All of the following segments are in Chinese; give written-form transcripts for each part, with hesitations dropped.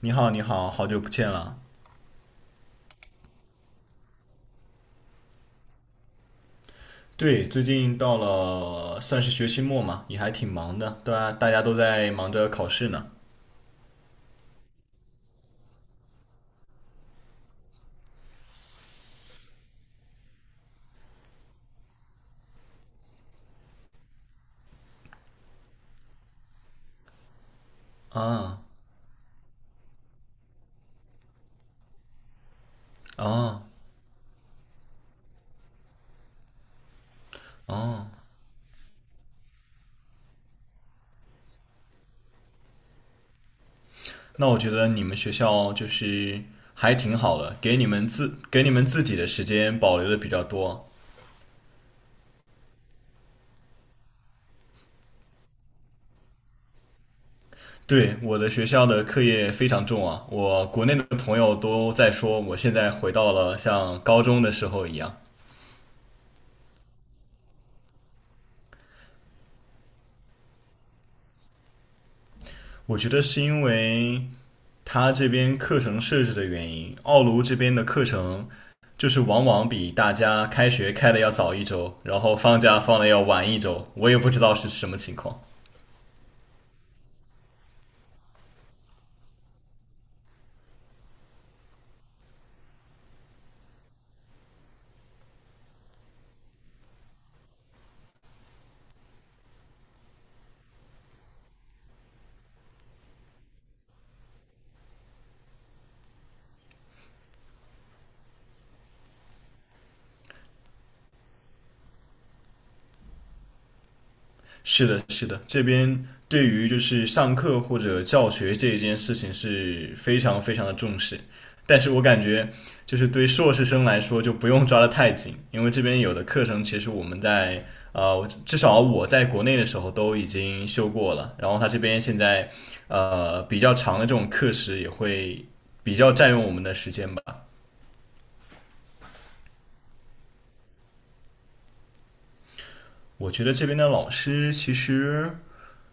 你好，你好，好久不见了。对，最近到了算是学期末嘛，也还挺忙的，对啊，大家都在忙着考试呢。啊，哦，哦，那我觉得你们学校就是还挺好的，给你们自己的时间保留的比较多。对，我的学校的课业非常重啊，我国内的朋友都在说，我现在回到了像高中的时候一样。我觉得是因为他这边课程设置的原因，奥卢这边的课程就是往往比大家开学开的要早一周，然后放假放的要晚一周，我也不知道是什么情况。是的，是的，这边对于就是上课或者教学这一件事情是非常非常的重视，但是我感觉就是对硕士生来说就不用抓得太紧，因为这边有的课程其实我们在呃至少我在国内的时候都已经修过了，然后他这边现在比较长的这种课时也会比较占用我们的时间吧。我觉得这边的老师其实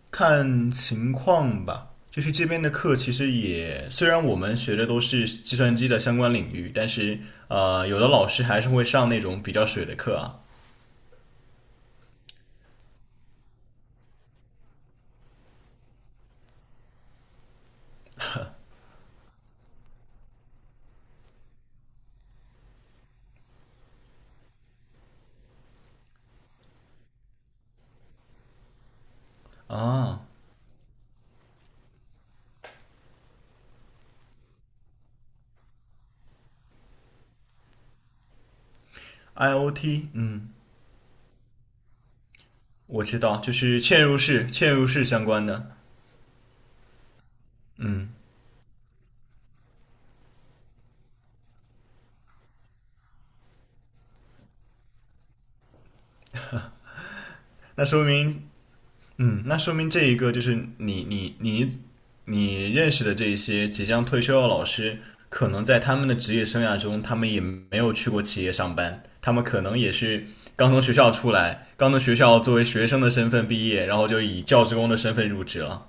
看情况吧，就是这边的课其实也，虽然我们学的都是计算机的相关领域，但是有的老师还是会上那种比较水的课啊。啊，IOT,嗯，我知道，就是嵌入式相关的，嗯，那说明那说明这一个就是你认识的这一些即将退休的老师，可能在他们的职业生涯中，他们也没有去过企业上班，他们可能也是刚从学校出来，刚从学校作为学生的身份毕业，然后就以教职工的身份入职了。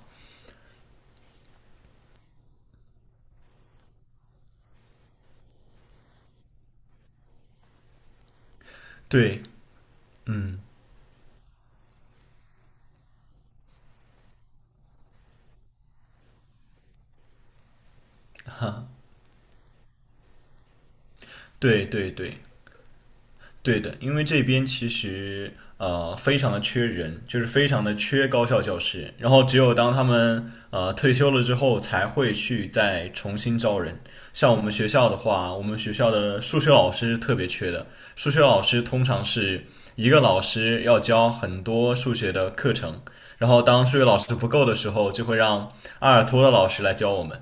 对，嗯，哈，对对对，对的，因为这边其实非常的缺人，就是非常的缺高校教师，然后只有当他们退休了之后，才会去再重新招人。像我们学校的话，我们学校的数学老师特别缺的，数学老师通常是一个老师要教很多数学的课程，然后当数学老师不够的时候，就会让阿尔托的老师来教我们。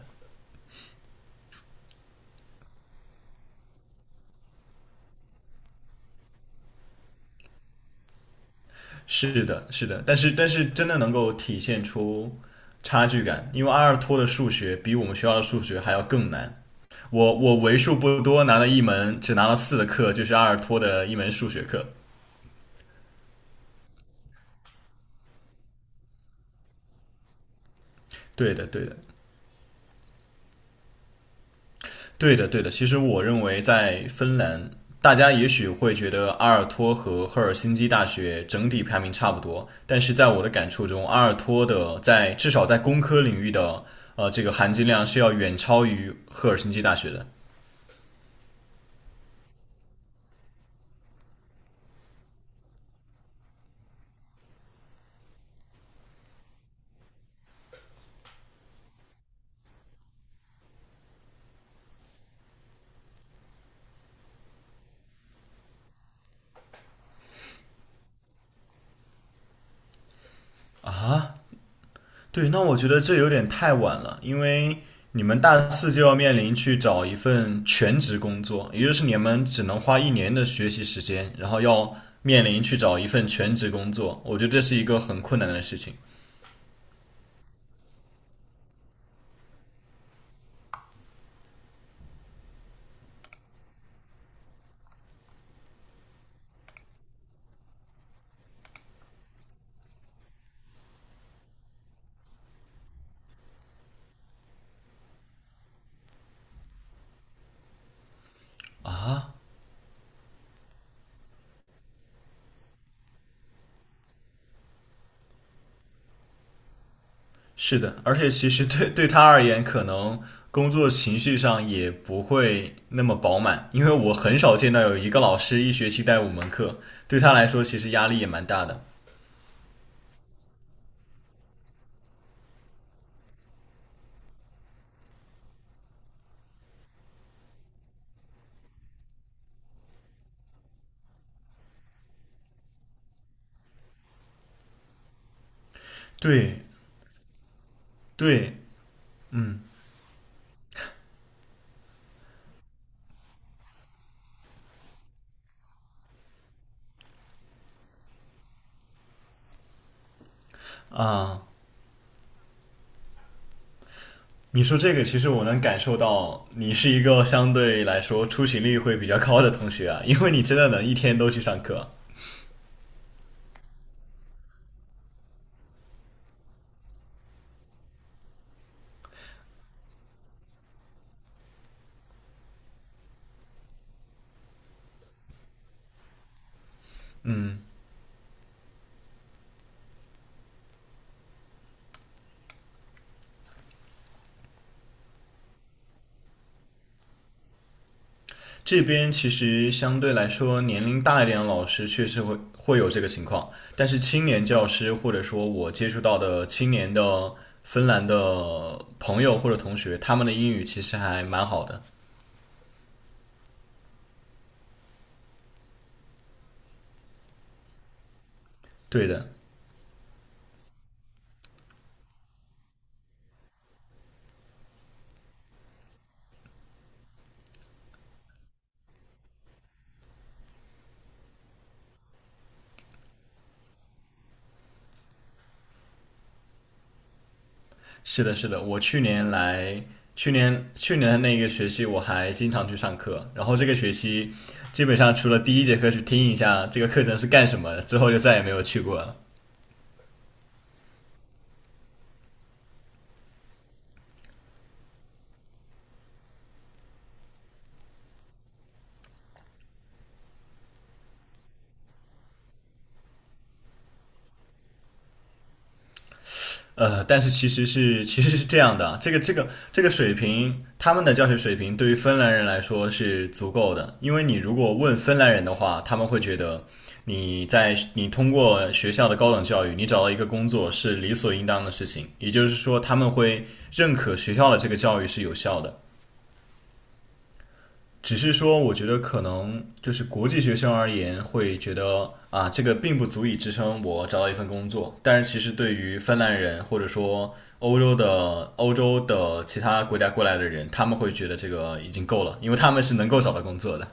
是的，是的，但是真的能够体现出差距感，因为阿尔托的数学比我们学校的数学还要更难。我为数不多拿了一门只拿了四的课，就是阿尔托的一门数学课。对的，对的，对的，对的。其实我认为在芬兰，大家也许会觉得阿尔托和赫尔辛基大学整体排名差不多，但是在我的感触中，阿尔托的在至少在工科领域的这个含金量是要远超于赫尔辛基大学的。对，那我觉得这有点太晚了，因为你们大四就要面临去找一份全职工作，也就是你们只能花1年的学习时间，然后要面临去找一份全职工作，我觉得这是一个很困难的事情啊。是的，而且其实对他而言，可能工作情绪上也不会那么饱满，因为我很少见到有一个老师1学期带5门课，对他来说其实压力也蛮大的。对对，你说这个，其实我能感受到你是一个相对来说出勤率会比较高的同学啊，因为你真的能一天都去上课。这边其实相对来说年龄大一点的老师确实会有这个情况，但是青年教师或者说我接触到的青年的芬兰的朋友或者同学，他们的英语其实还蛮好的。对的，是的，是的，我去年来，去年去年的那个学期我还经常去上课，然后这个学期基本上除了第一节课去听一下这个课程是干什么，之后就再也没有去过了。但是其实是这样的啊这个水平，他们的教学水平对于芬兰人来说是足够的，因为你如果问芬兰人的话，他们会觉得你通过学校的高等教育，你找到一个工作是理所应当的事情，也就是说他们会认可学校的这个教育是有效的。只是说，我觉得可能就是国际学生而言，会觉得啊，这个并不足以支撑我找到一份工作。但是其实对于芬兰人或者说欧洲的其他国家过来的人，他们会觉得这个已经够了，因为他们是能够找到工作的。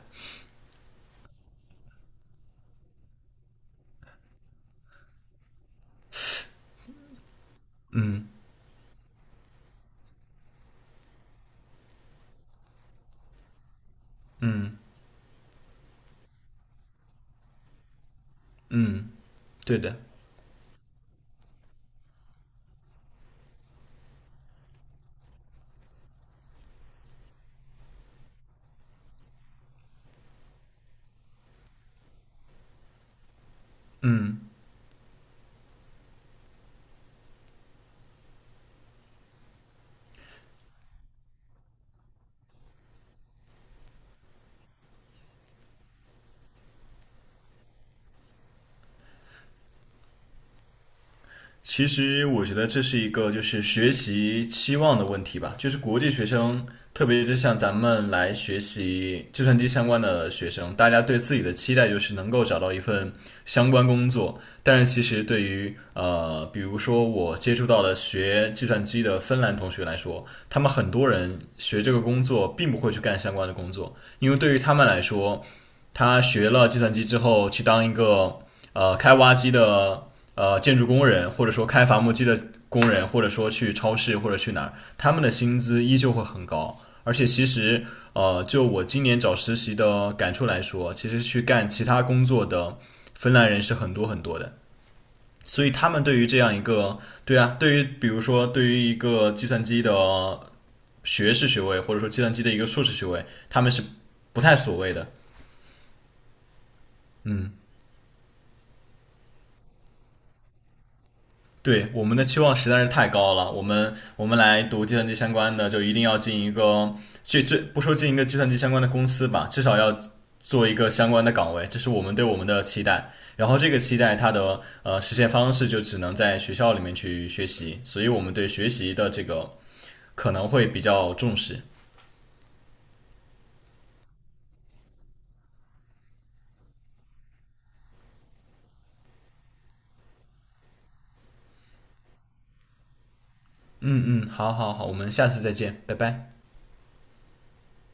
嗯，对的。其实我觉得这是一个就是学习期望的问题吧，就是国际学生，特别是像咱们来学习计算机相关的学生，大家对自己的期待就是能够找到一份相关工作。但是其实对于比如说我接触到的学计算机的芬兰同学来说，他们很多人学这个工作并不会去干相关的工作，因为对于他们来说，他学了计算机之后去当一个开挖机的建筑工人，或者说开伐木机的工人，或者说去超市或者去哪儿，他们的薪资依旧会很高。而且其实就我今年找实习的感触来说，其实去干其他工作的芬兰人是很多很多的。所以他们对于这样一个，对啊，对于比如说对于一个计算机的学士学位，或者说计算机的一个硕士学位，他们是不太所谓的。嗯。对，我们的期望实在是太高了。我们来读计算机相关的，就一定要进一个最不说进一个计算机相关的公司吧，至少要做一个相关的岗位，这是我们对我们的期待。然后这个期待它的实现方式就只能在学校里面去学习，所以我们对学习的这个可能会比较重视。嗯嗯，好好好，我们下次再见，拜拜。